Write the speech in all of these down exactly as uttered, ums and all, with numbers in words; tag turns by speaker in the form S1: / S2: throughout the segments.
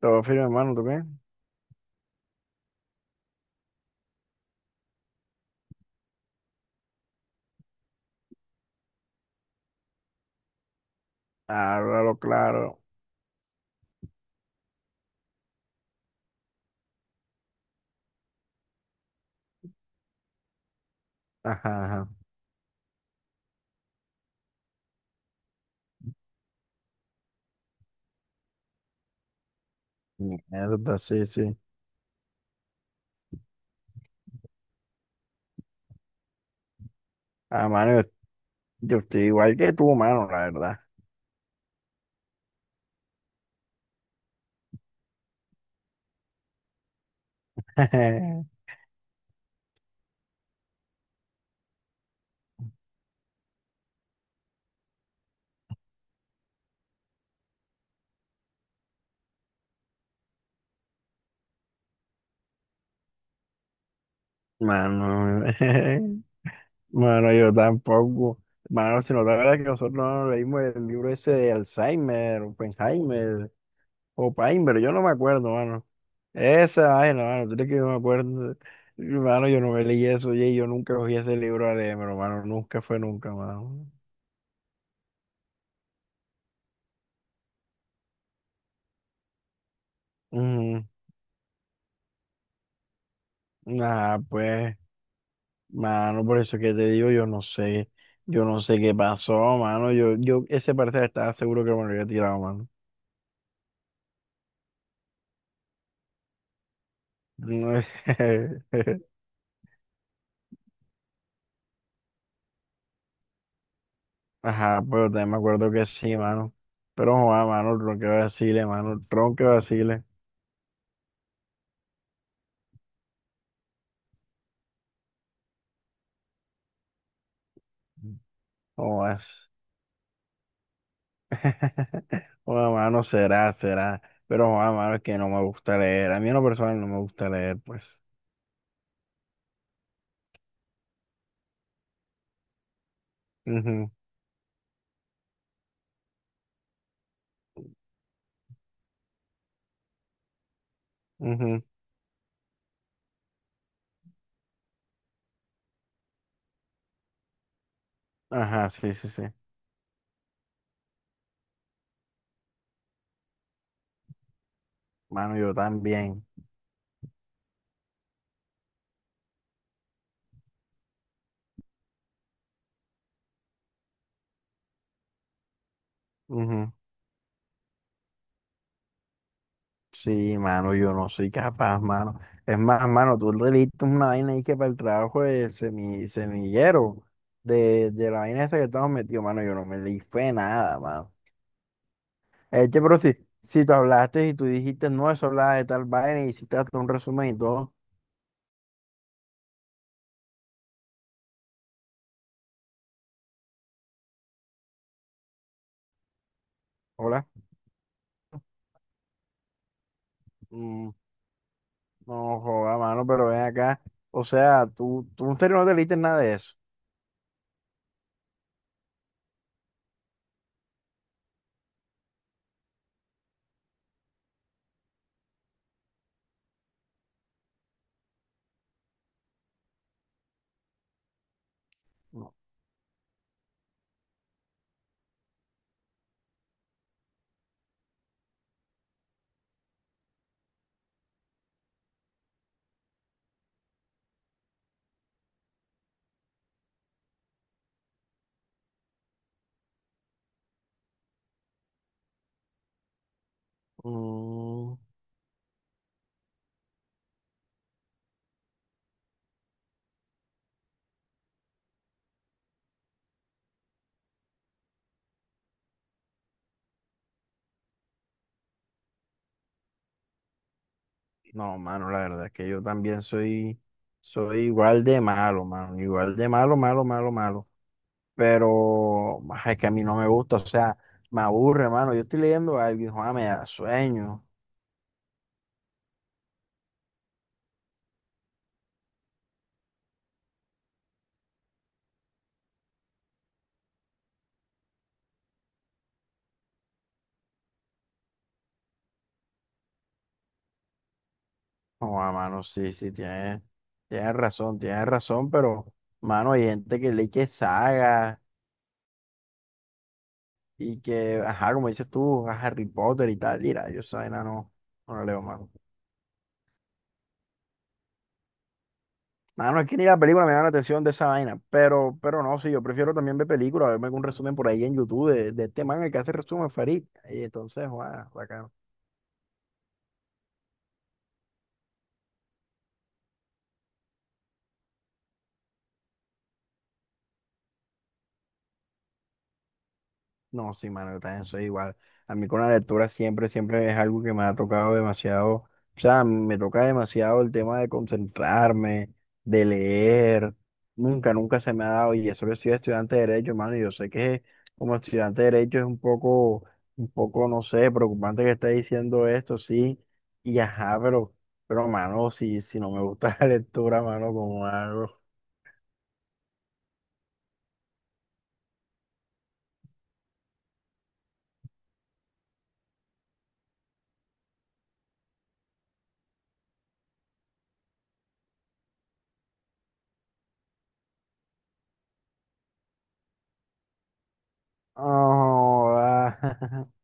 S1: Todo firme, hermano, ¿tú qué? Háblalo claro. Ajá, ajá. Mierda, sí, sí. Ah, mano, yo, yo estoy igual que tú, mano, la verdad. Mano, mano, yo tampoco. Mano, si no te acuerdas que nosotros no leímos el libro ese de Alzheimer, Oppenheimer. O Paimber, yo no me acuerdo, mano. Esa vaina, mano, tú crees que yo me acuerdo. Mano, yo no me leí eso, oye, yo nunca cogí ese libro a leer, pero mano, nunca fue nunca, mano. Ujú. Nah, pues, mano, por eso que te digo, yo no sé, yo no sé qué pasó, mano, yo, yo, ese parcial estaba seguro que me lo había tirado, mano. No- Ajá, pero también me acuerdo que sí, mano. Pero, joder, mano, tronque vacile, mano, tronque vacile, jodas. Bueno, mano, será, será. Pero, bueno, mano, es que no me gusta leer. A mí en lo personal no me gusta leer, pues. Ujú, ujú. Ajá, sí, sí, sí. Mano, yo también. Ujú. Sí, mano, yo no soy capaz, mano. Es más, mano, tú leíste una vaina ahí que para el trabajo de semi, semillero, de, de la vaina esa que estamos metidos, mano, yo no me leí fue nada, mano. Es que, pero si, si tú hablaste y tú dijiste, no, eso hablaba de tal vaina y hiciste hasta un resumen y todo, hola. Mm. No joda, mano, pero ven acá. O sea, tú, tú en serio no te leíste nada de eso. No. Mm, no, mano, la verdad es que yo también soy, soy igual de malo, mano. Igual de malo, malo, malo, malo. Pero ah, es que a mí no me gusta, o sea, me aburre, mano. Yo estoy leyendo algo y joda, me da sueño. Joda, mano, sí, sí, tienes, tienes razón, tienes razón, pero, mano, hay gente que lee que sagas. Y que, ajá, como dices tú, a Harry Potter y tal, mira, yo esa vaina no, no la leo, mano. Mano, es que ni la película me llama la atención de esa vaina, pero, pero no, sí, yo prefiero también ver películas, verme algún resumen por ahí en YouTube de, de este man el que hace resumen, Farid. Y entonces, guau, bacano. No, sí, mano, yo también soy igual. A mí con la lectura siempre, siempre es algo que me ha tocado demasiado, o sea, me toca demasiado el tema de concentrarme, de leer. Nunca, nunca se me ha dado, y eso que soy estudiante de Derecho, hermano, y yo sé que como estudiante de Derecho es un poco, un poco, no sé, preocupante que esté diciendo esto, sí, y ajá, pero, pero, mano, si, si no me gusta la lectura, mano, como hago? Oh,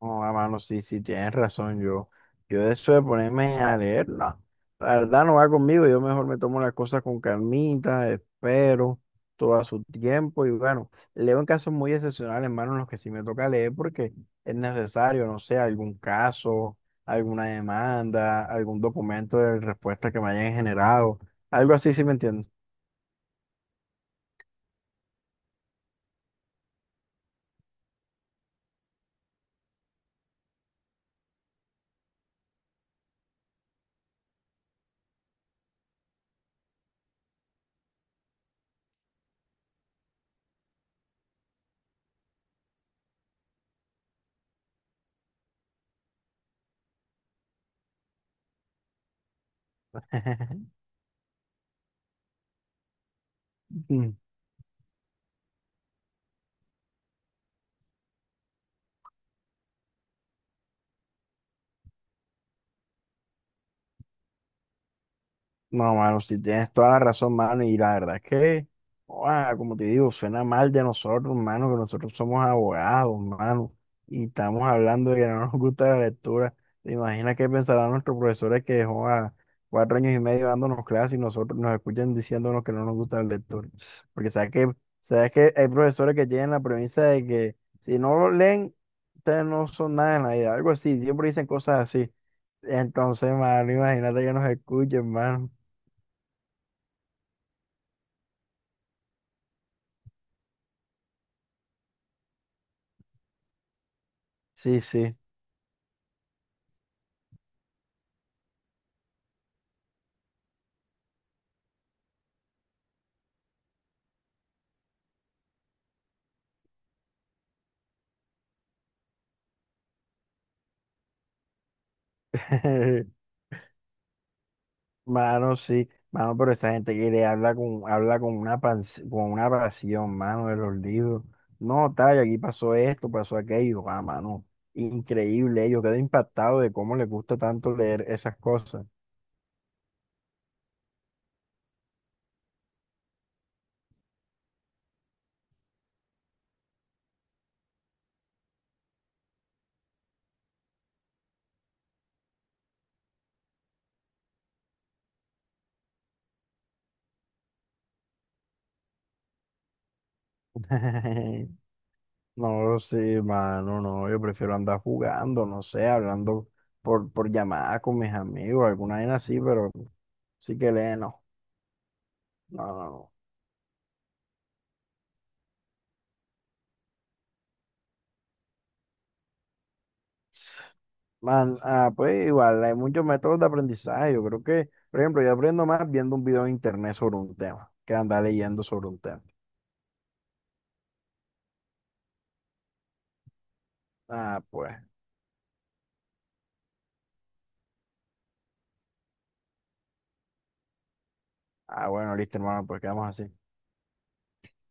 S1: oh a mano, sí, sí, tienes razón. Yo, yo de eso de ponerme a leer, no. La verdad no va conmigo. Yo mejor me tomo las cosas con calmita, espero todo a su tiempo. Y bueno, leo en casos muy excepcionales, hermano, en los que sí me toca leer porque es necesario, no sé, algún caso, alguna demanda, algún documento de respuesta que me hayan generado. Algo así, sí me entiendes. No, mano, si tienes toda la razón, mano, y la verdad es que, ua, como te digo, suena mal de nosotros, mano, que nosotros somos abogados, mano, y estamos hablando de que no nos gusta la lectura. ¿Te imaginas qué pensarán nuestros profesores que dejó a cuatro años y medio dándonos clases y nosotros nos escuchan diciéndonos que no nos gusta la lectura? Porque sabes que, sabes que hay profesores que tienen la premisa de que si no lo leen, ustedes no son nada en la vida, algo así, siempre dicen cosas así. Entonces, mano, imagínate que nos escuchen, mano. Sí, sí. Mano, sí. Mano, pero esa gente quiere habla con, habla con una pans- con una pasión, mano, de los libros. No, tal, aquí pasó esto, pasó aquello. Ah, mano. Increíble. Yo quedo impactado de cómo les gusta tanto leer esas cosas. No, sí, mano, no. Yo prefiero andar jugando, no sé, hablando por, por llamada con mis amigos, alguna vez así, pero sí que leen, no. No, no, no. Man, ah, pues igual, hay muchos métodos de aprendizaje. Yo creo que, por ejemplo, yo aprendo más viendo un video en internet sobre un tema que andar leyendo sobre un tema. Ah, pues. Ah, bueno, listo, hermano, pues quedamos así.